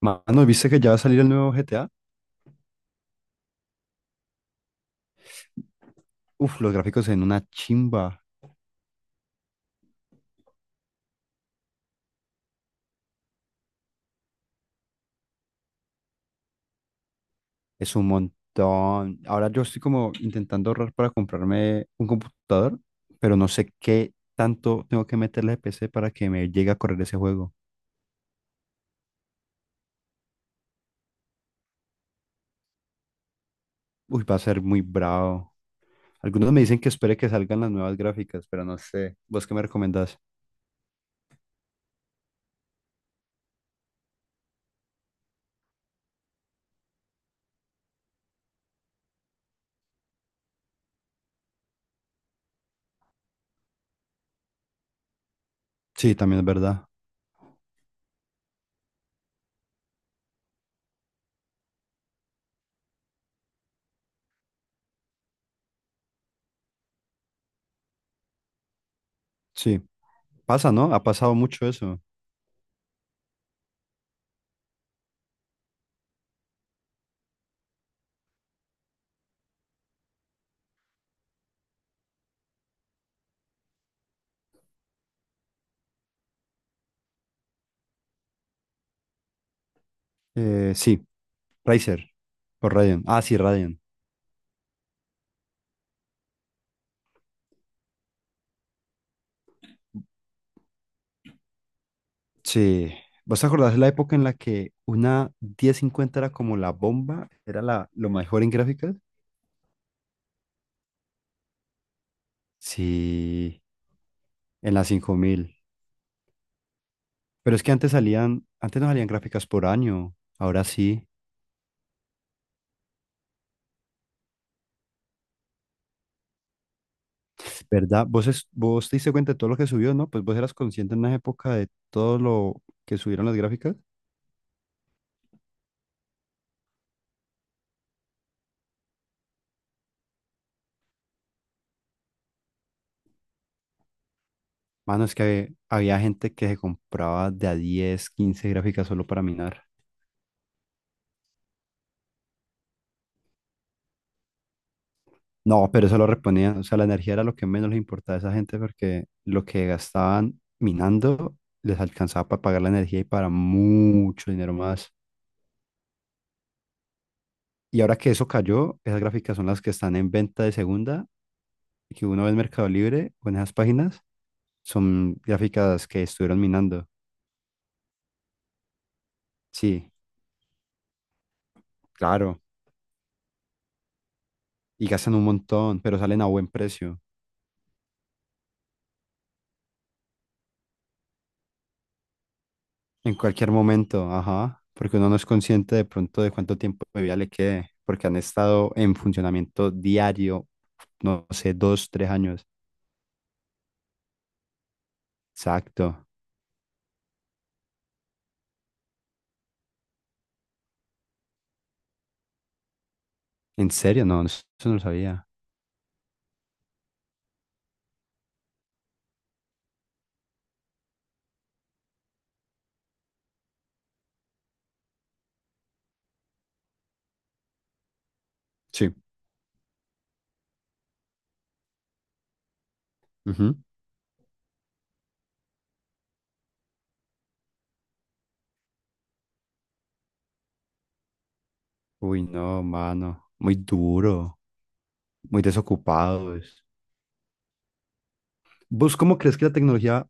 Mano, ¿viste que ya va a salir el nuevo GTA? Uf, los gráficos en una chimba. Es un montón. Ahora yo estoy como intentando ahorrar para comprarme un computador, pero no sé qué tanto tengo que meterle de PC para que me llegue a correr ese juego. Uy, va a ser muy bravo. Algunos me dicen que espere que salgan las nuevas gráficas, pero no sé. ¿Vos qué me recomendás? Sí, también es verdad. Sí. Pasa, ¿no? Ha pasado mucho eso. Sí, Razer. O Radeon. Ah, sí, Radeon. Sí, ¿vos te acordás de la época en la que una 1050 era como la bomba? Era la, lo mejor en gráficas. Sí, en la 5000. Pero es que antes salían, antes no salían gráficas por año, ahora sí, ¿verdad? Vos, vos te diste cuenta de todo lo que subió, ¿no? Pues vos eras consciente en una época de todo lo que subieron las gráficas. Mano, es que había, gente que se compraba de a 10, 15 gráficas solo para minar. No, pero eso lo reponían, o sea, la energía era lo que menos les importaba a esa gente porque lo que gastaban minando les alcanzaba para pagar la energía y para mucho dinero más. Y ahora que eso cayó, esas gráficas son las que están en venta de segunda y que uno ve en Mercado Libre o en esas páginas, son gráficas que estuvieron minando. Sí, claro, y gastan un montón, pero salen a buen precio. En cualquier momento, ajá, porque uno no es consciente de pronto de cuánto tiempo de vida le quede, porque han estado en funcionamiento diario, no sé, 2, 3 años. Exacto. ¿En serio? No, eso no lo sabía. Sí. Ujú. Uy, no, mano, muy duro, muy desocupados. ¿Vos cómo crees que la tecnología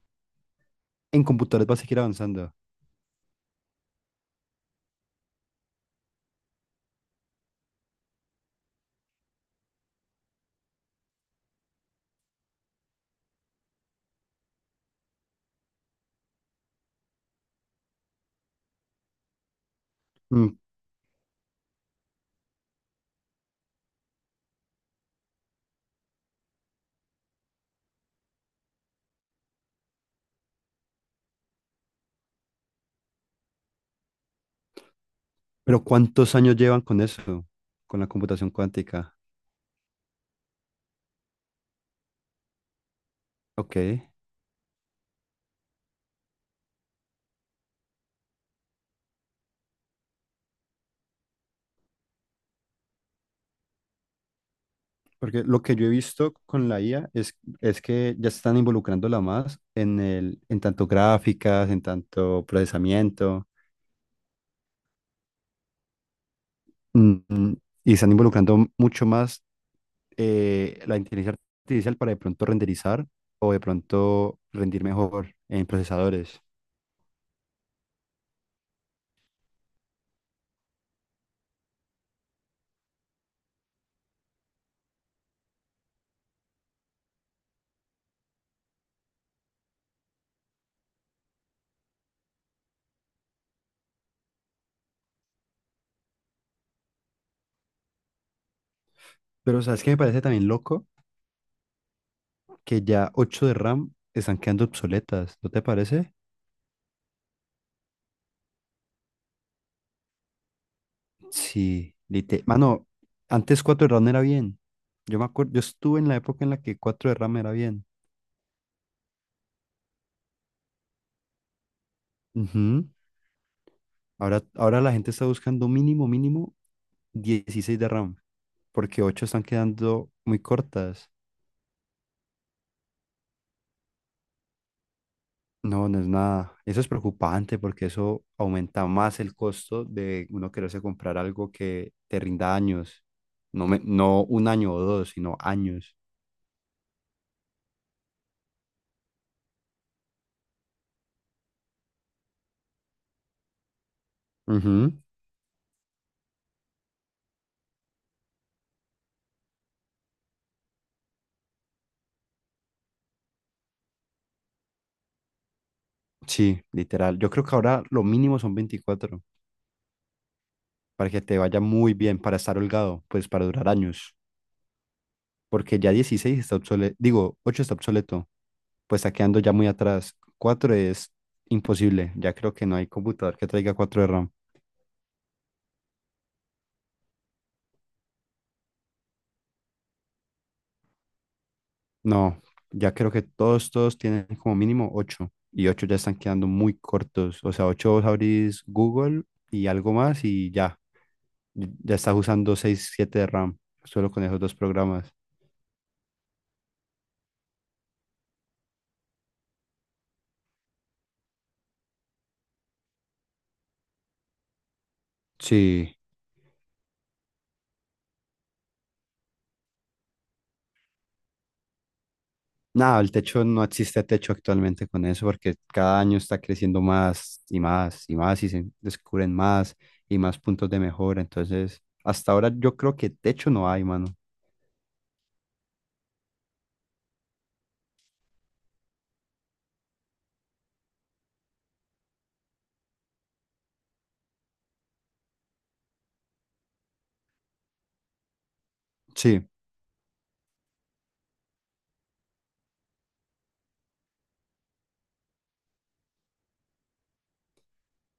en computadores va a seguir avanzando? Mm, Pero ¿cuántos años llevan con eso? Con la computación cuántica. Ok. Porque lo que yo he visto con la IA es que ya se están involucrándola más en el, en tanto gráficas, en tanto procesamiento, mm, mm, y están involucrando mucho más la inteligencia artificial para de pronto renderizar o de pronto rendir mejor en procesadores. Pero ¿sabes qué me parece también loco? Que ya 8 de RAM están quedando obsoletas, ¿no te parece? Sí, Mano, antes 4 de RAM era bien. Yo me acuerdo, yo estuve en la época en la que 4 de RAM era bien. Ujú. Ahora, ahora la gente está buscando mínimo, mínimo 16 de RAM, porque 8 están quedando muy cortas. No, no es nada. Eso es preocupante porque eso aumenta más el costo de uno quererse comprar algo que te rinda años. No, no un año o dos, sino años. Ujú. Sí, literal. Yo creo que ahora lo mínimo son 24 para que te vaya muy bien, para estar holgado, pues para durar años. Porque ya 16 está obsoleto, digo, 8 está obsoleto. Pues está quedando ya muy atrás. 4 es imposible, ya creo que no hay computador que traiga 4 de RAM. No, ya creo que todos, todos tienen como mínimo 8 y 8 ya están quedando muy cortos. O sea, 8 vos abrís Google y algo más y ya, ya estás usando 6 7 de RAM solo con esos dos programas. Sí, no, el techo no existe techo actualmente con eso porque cada año está creciendo más y más y más y se descubren más y más puntos de mejora. Entonces, hasta ahora yo creo que techo no hay, mano. Sí,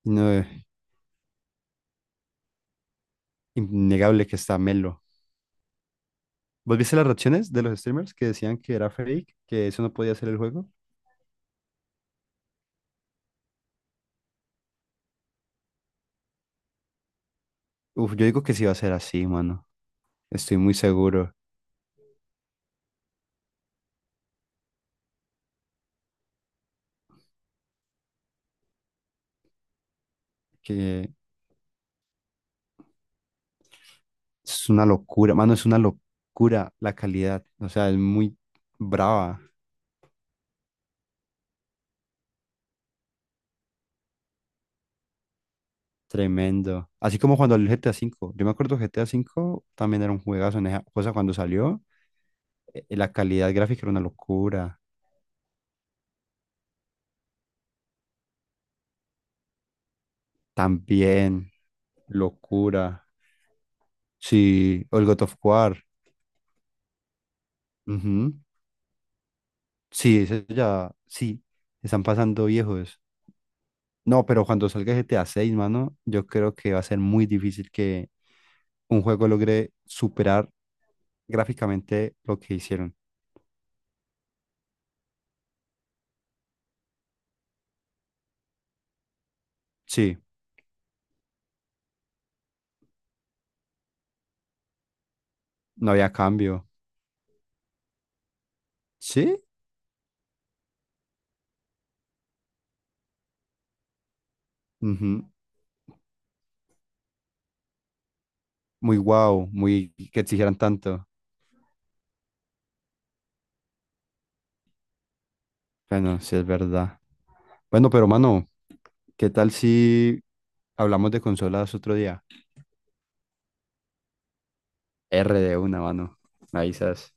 no, innegable que está Melo. ¿Vos viste las reacciones de los streamers que decían que era fake, que eso no podía ser el juego? Uf, yo digo que sí va a ser así, mano. Estoy muy seguro que es una locura, mano, es una locura la calidad. O sea, es muy brava. Tremendo. Así como cuando el GTA 5. Yo me acuerdo que GTA 5 también era un juegazo en esa cosa cuando salió. La calidad gráfica era una locura. También, locura. Sí, o el God of War. Ujú. Sí, ese ya, sí, están pasando viejos. No, pero cuando salga GTA 6, mano, yo creo que va a ser muy difícil que un juego logre superar gráficamente lo que hicieron. Sí, no había cambio. Sí. Ujú. Muy guau, muy que exigieran tanto. Bueno, sí es verdad. Bueno, pero mano, ¿qué tal si hablamos de consolas otro día? R de una, mano. Me avisas.